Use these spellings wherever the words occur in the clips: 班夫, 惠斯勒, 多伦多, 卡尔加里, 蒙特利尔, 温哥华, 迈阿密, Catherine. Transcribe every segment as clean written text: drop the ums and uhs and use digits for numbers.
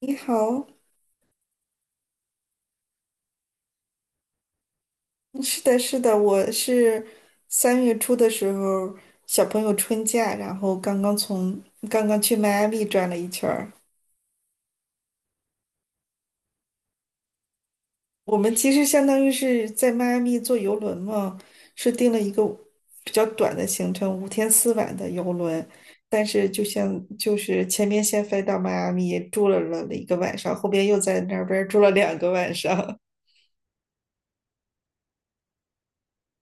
你好。嗯，是的，是的，我是3月初的时候，小朋友春假，然后刚刚去迈阿密转了一圈儿。我们其实相当于是在迈阿密坐游轮嘛，是订了一个比较短的行程，五天四晚的游轮。但是就是前面先飞到迈阿密住了一个晚上，后边又在那边儿住了2个晚上。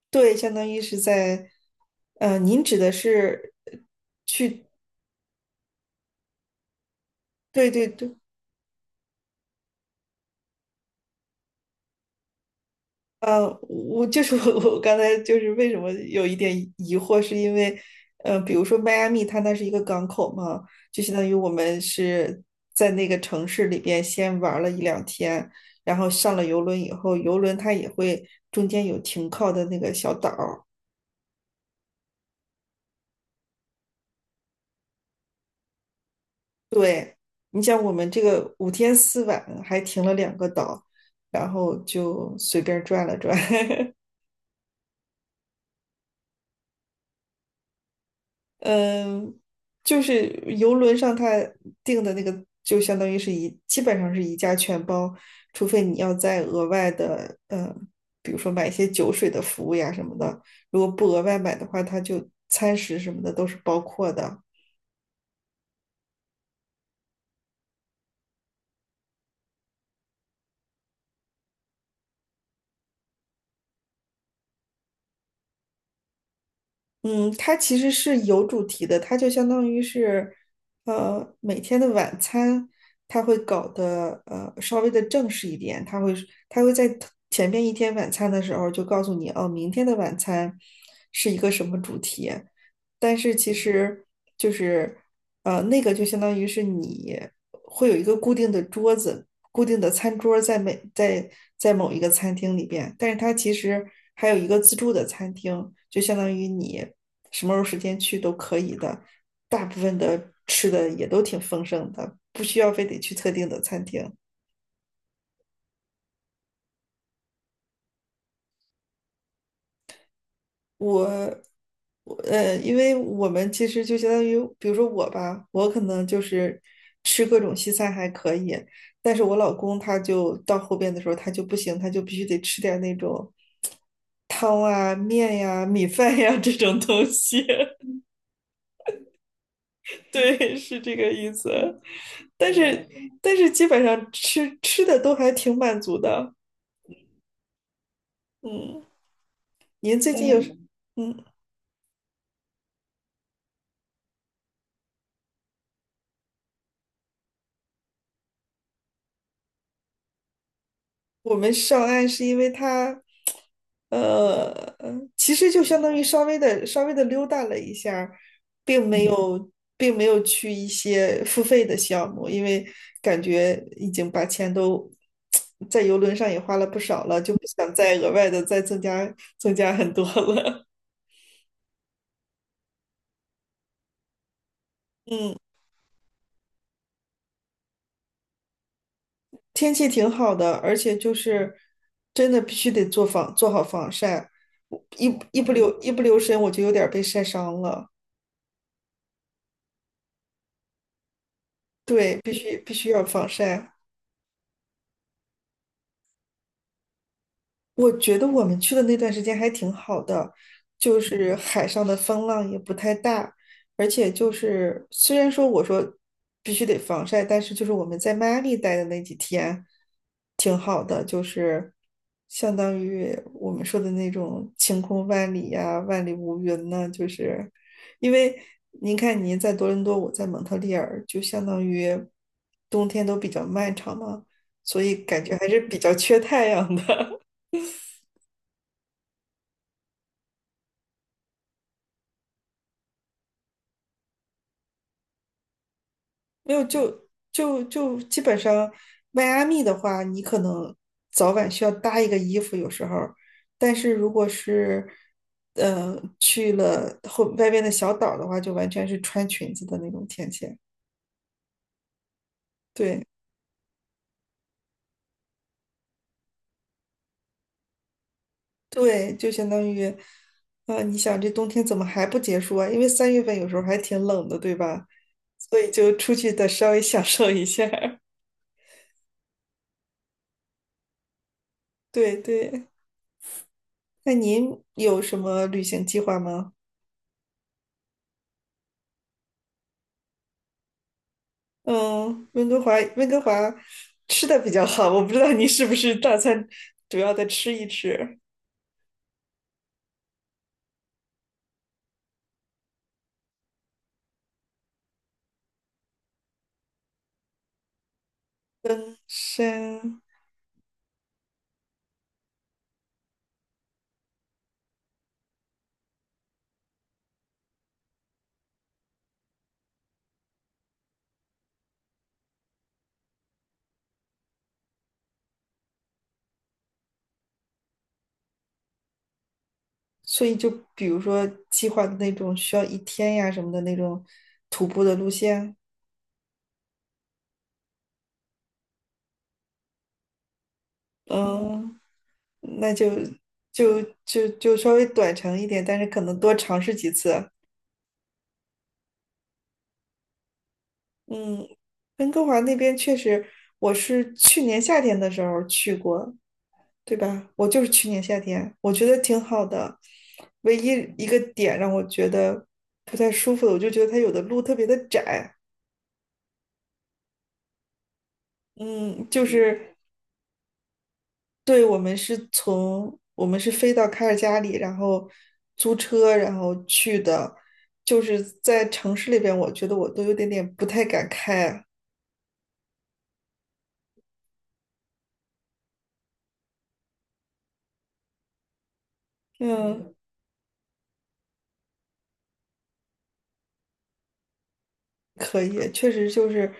对，相当于是在，您指的是去，对对对。我就是 我刚才就是为什么有一点疑惑，是因为，比如说迈阿密，它那是一个港口嘛，就相当于我们是在那个城市里边先玩了一两天，然后上了游轮以后，游轮它也会中间有停靠的那个小岛儿。对，你像我们这个五天四晚还停了2个岛，然后就随便转了转。嗯，就是游轮上他订的那个，就相当于是基本上是一价全包，除非你要再额外的，比如说买一些酒水的服务呀什么的，如果不额外买的话，它就餐食什么的都是包括的。嗯，它其实是有主题的，它就相当于是，每天的晚餐，它会搞得稍微的正式一点，它会在 前面一天晚餐的时候就告诉你，哦，明天的晚餐是一个什么主题，但是其实就是，那个就相当于是你会有一个固定的桌子、固定的餐桌在每在在某一个餐厅里边，但是它其实还有一个自助的餐厅，就相当于你什么时候时间去都可以的，大部分的吃的也都挺丰盛的，不需要非得去特定的餐厅。我，我因为我们其实就相当于，比如说我吧，我可能就是吃各种西餐还可以，但是我老公他就到后边的时候他就不行，他就必须得吃点那种汤啊、面呀、米饭呀这种东西。对，是这个意思。但是，但是基本上吃吃的都还挺满足的。嗯，您最近有什，嗯，嗯。我们上岸是因为他，呃，其实就相当于稍微的溜达了一下儿。并没嗯有并没有去一些付费的项目，因为感觉已经把钱都在游轮上也花了不少了，就不想再额外的再增加很多了。嗯，天气挺好的，而且就是真的必须得做好防晒，我一一不留一不留神我就有点儿被晒伤了。对，必须要防晒。我觉得我们去的那段时间还挺好的，就是海上的风浪也不太大，而且就是虽然说我说必须得防晒，但是就是我们在迈阿密待的那几天挺好的，就是相当于我们说的那种晴空万里呀、万里无云呢，就是因为您看您在多伦多，我在蒙特利尔，就相当于冬天都比较漫长嘛，所以感觉还是比较缺太阳的。没有，就基本上，迈阿密的话，你可能早晚需要搭一个衣服，有时候儿但是如果是，去了后外边的小岛的话，就完全是穿裙子的那种天气。对对，就相当于，你想这冬天怎么还不结束啊？因为3月份有时候还挺冷的，对吧？所以就出去的稍微 享受一下儿。 对对，那您有什么旅行计划吗？温哥华吃的比较好，我不知道你是不是大餐主要的吃一吃。登山，所以就比如说计划的那种需要一天呀什么的那种徒步的路线，嗯，那就稍微短程一点，但是可能多尝试几次。嗯，温哥华那边确实，我是去年夏天的时候去过，对吧？我就是去年夏天，我觉得挺好的。唯一一个点让我觉得不太舒服的，我就觉得它有的路特别的窄。嗯，就是对我们是飞到卡尔加里，然后租车，然后去的，就是在城市里边，我觉得我都有点点不太敢开。嗯，可以，确实就是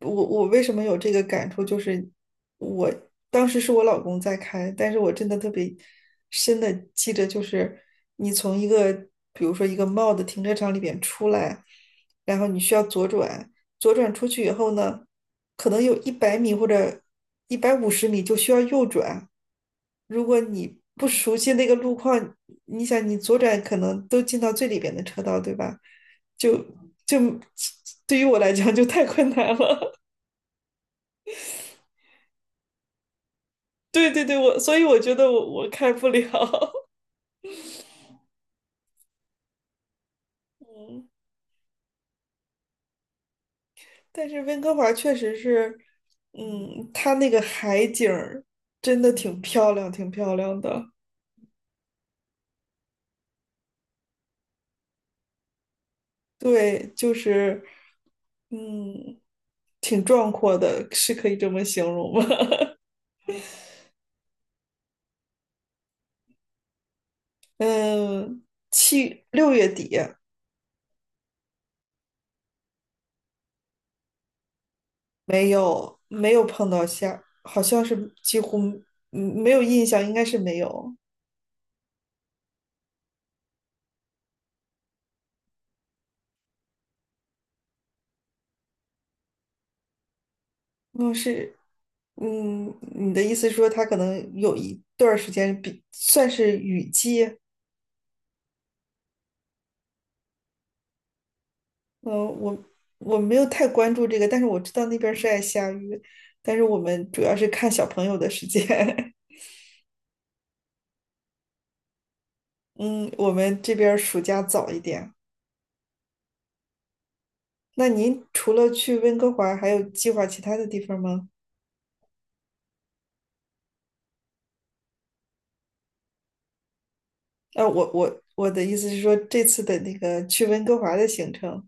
我为什么有这个感触，就是我当时是我老公在开，但是我真的特别深的记着，就是你从一个比如说一个 m a 的停车场里边出来，然后你需要左转，左转出去以后呢，可能有100米或者150米就需要右转，如果你不熟悉那个路况，你想你左转可能都进到最里边的车道，对吧？就就对于我来讲就太困难了。对对对，我所以我觉得我开不了。嗯，但是温哥华确实是，嗯，它那个海景儿真的挺漂亮，挺漂亮的。对，就是，嗯，挺壮阔的，是可以这么形容吗？嗯，6月底。没有没有碰到下，好像是几乎没有印象，应该是没有。嗯，是，嗯，你的意思是说他可能有一段儿时间算是雨季，嗯，我我没有太关注这个，但是我知道那边儿是爱下雨，但是我们主要是看小朋友的时间。嗯，我们这边儿暑假早一点。那您除了去温哥华，还有计划其他的地方吗？啊，我的意思是说这次的那个去温哥华的行程，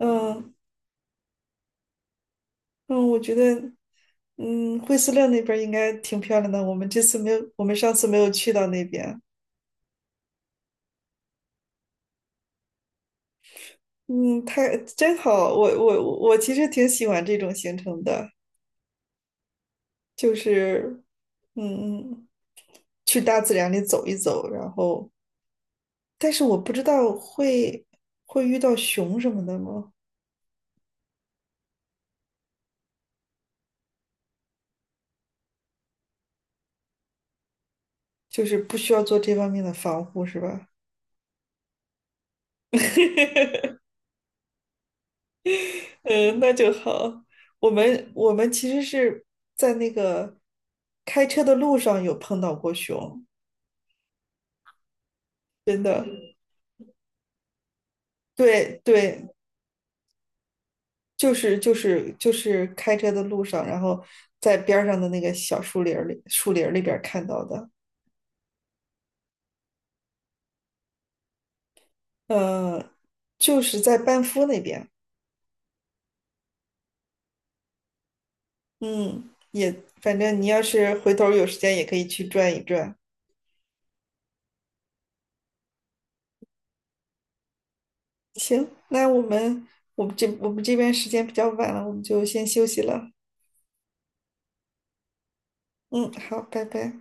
嗯嗯，我觉得。嗯，惠斯勒那边儿应该挺漂亮的。我们这次没有，我们上次没有去到那边。嗯，太真好。我其实挺喜欢这种行程的，就是，嗯嗯，去大自然里走一走。然后，但是我不知道会遇到熊什么的吗？就是不需要做这方面的防护，是吧？嗯，那就好。我们其实是在那个开车的路上有碰到过熊。真的，对对，就是开车的路上，然后在边上的那个小树林儿里，树林儿里边儿看到的，呃，就是在班夫那边，嗯，也反正你要是回头有时间也可以去转一转。行，那我们这边时间比较晚了，我们就先休息了。嗯，好，拜拜。